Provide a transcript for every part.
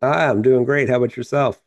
Ah, I'm doing great. How about yourself?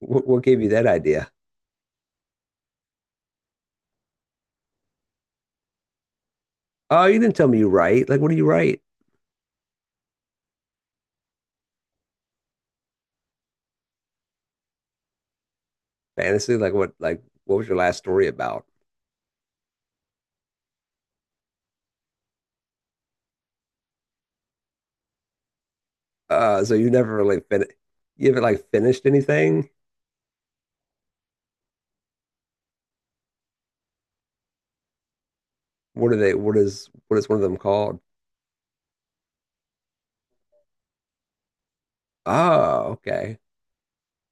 What gave you that idea? Oh, you didn't tell me you write. Like, what do you write? Fantasy? Like, what? Like, what was your last story about? Uh, so you never really fin you haven't like finished anything? What are they? What is one of them called? Oh, okay.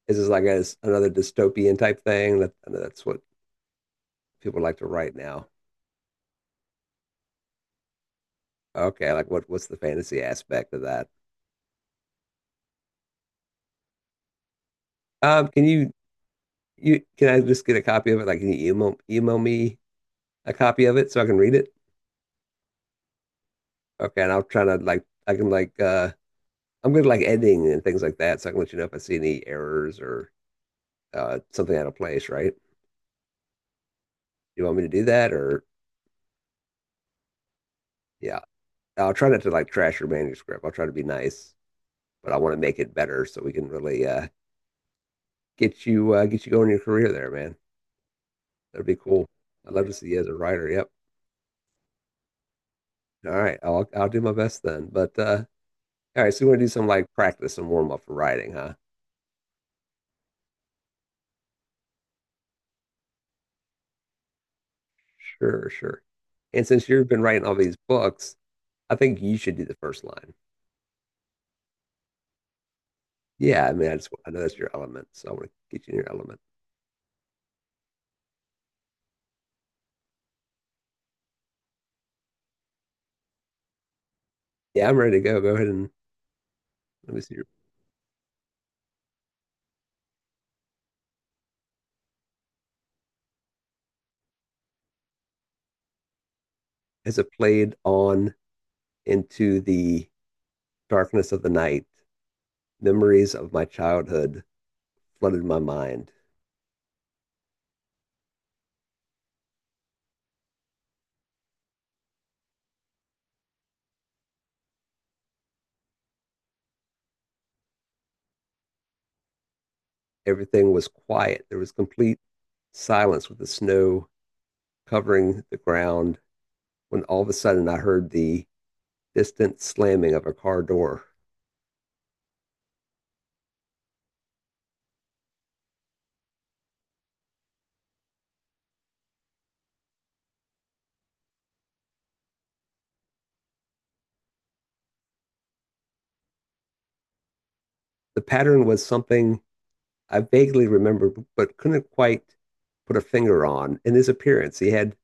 Is this like a, another dystopian type thing? That's what people like to write now. Okay, like what? What's the fantasy aspect of that? Can you You can I just get a copy of it? Like, can you email me a copy of it so I can read it? Okay, and I'll try to like I can like I'm good at like editing and things like that, so I can let you know if I see any errors or something out of place, right? You want me to do that or yeah. I'll try not to like trash your manuscript. I'll try to be nice, but I want to make it better so we can really get you going in your career there, man. That'd be cool. I'd love to, yeah, see you as a writer. Yep. All right. I'll do my best then. But All right, so you want to do some like practice and warm up for writing, huh? Sure, sure. And since you've been writing all these books, I think you should do the first line. Yeah, I mean, I know that's your element, so I want to get you in your element. Yeah, I'm ready to go. Go ahead and let me see. Your, as it played on into the darkness of the night, memories of my childhood flooded my mind. Everything was quiet. There was complete silence with the snow covering the ground when all of a sudden I heard the distant slamming of a car door. The pattern was something I vaguely remembered, but couldn't quite put a finger on. In his appearance, he had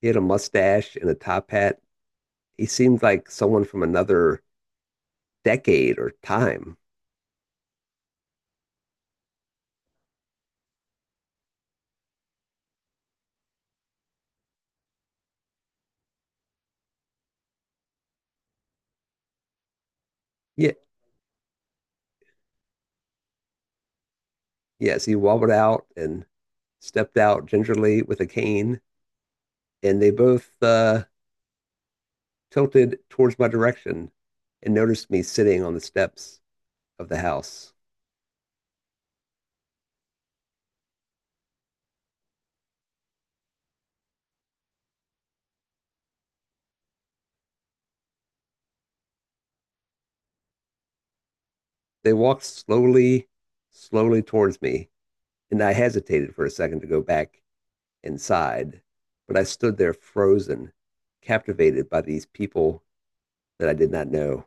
He had a mustache and a top hat. He seemed like someone from another decade or time. Yeah, yes, he wobbled out and stepped out gingerly with a cane, and they both tilted towards my direction and noticed me sitting on the steps of the house. They walked slowly towards me, and I hesitated for a second to go back inside, but I stood there frozen, captivated by these people that I did not know.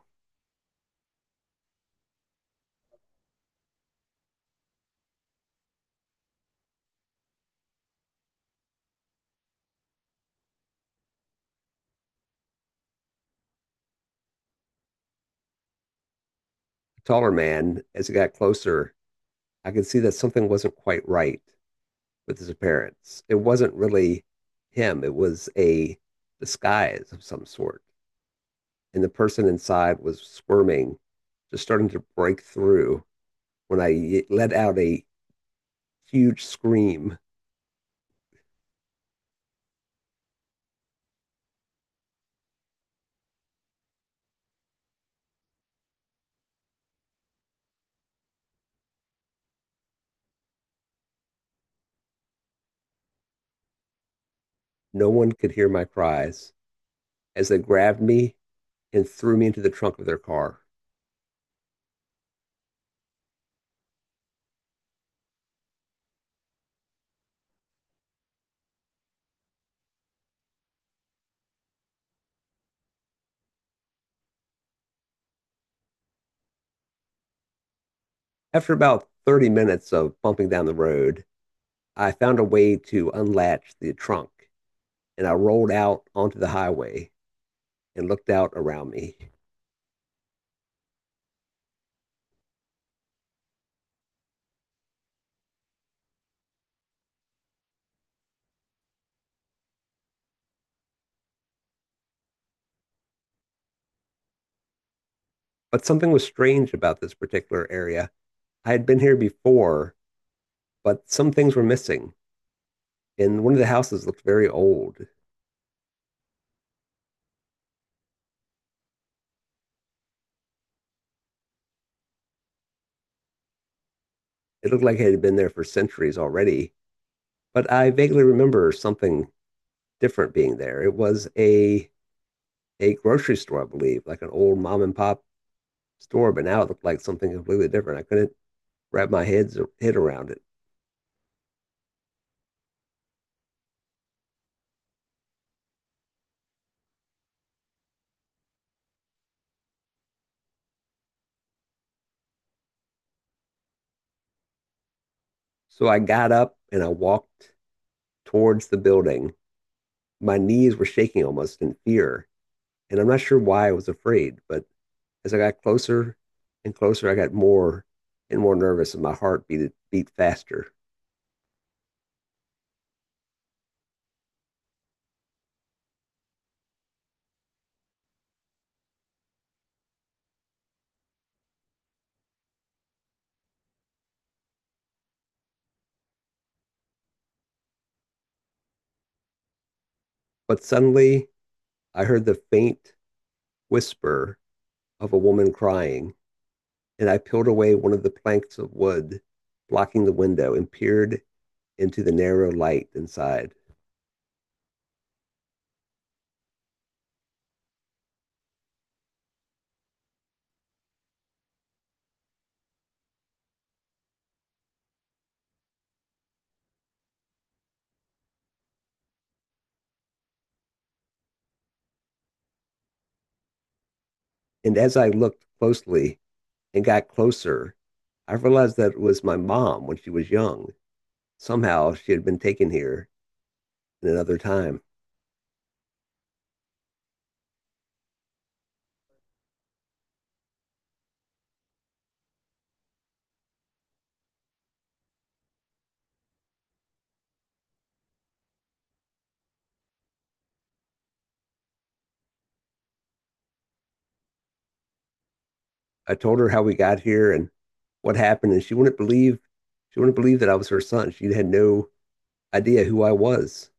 Taller man, as it got closer, I could see that something wasn't quite right with his appearance. It wasn't really him, it was a disguise of some sort. And the person inside was squirming, just starting to break through when I let out a huge scream. No one could hear my cries as they grabbed me and threw me into the trunk of their car. After about 30 minutes of bumping down the road, I found a way to unlatch the trunk and I rolled out onto the highway and looked out around me. But something was strange about this particular area. I had been here before, but some things were missing. And one of the houses looked very old. It looked like it had been there for centuries already. But I vaguely remember something different being there. It was a grocery store, I believe, like an old mom and pop store, but now it looked like something completely different. I couldn't wrap my head around it. So I got up and I walked towards the building. My knees were shaking almost in fear. And I'm not sure why I was afraid, but as I got closer and closer, I got more and more nervous and my heart beat faster. But suddenly I heard the faint whisper of a woman crying, and I peeled away one of the planks of wood blocking the window and peered into the narrow light inside. And as I looked closely and got closer, I realized that it was my mom when she was young. Somehow she had been taken here in another time. I told her how we got here and what happened, and she wouldn't believe that I was her son. She had no idea who I was.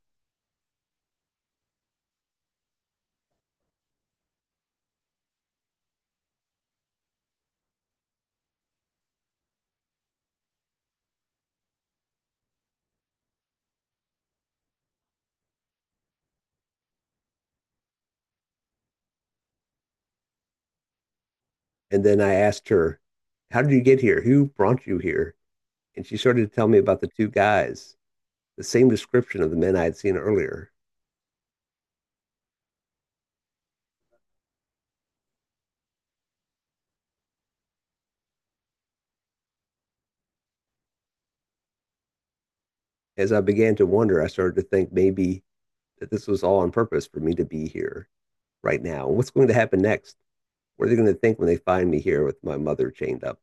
And then I asked her, how did you get here? Who brought you here? And she started to tell me about the two guys, the same description of the men I had seen earlier. As I began to wonder, I started to think maybe that this was all on purpose for me to be here right now. What's going to happen next? What are they going to think when they find me here with my mother chained up?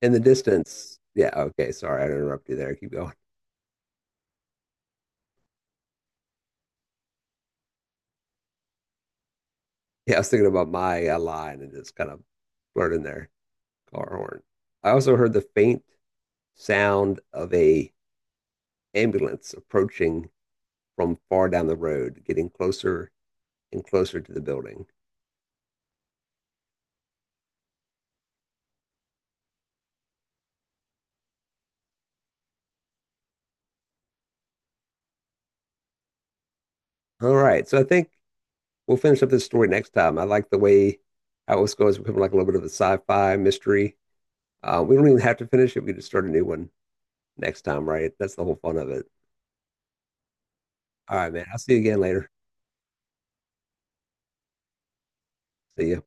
In the distance, yeah, okay, sorry, I interrupted you there. Keep going. Yeah, I was thinking about my line and just kind of blurted there. Car horn. I also heard the faint sound of a ambulance approaching from far down the road, getting closer and closer to the building. All right, so I think we'll finish up this story next time. I like the way how it's this goes, becoming like a little bit of a sci-fi mystery. We don't even have to finish it; we can just start a new one next time, right? That's the whole fun of it. All right, man. I'll see you again later. See ya.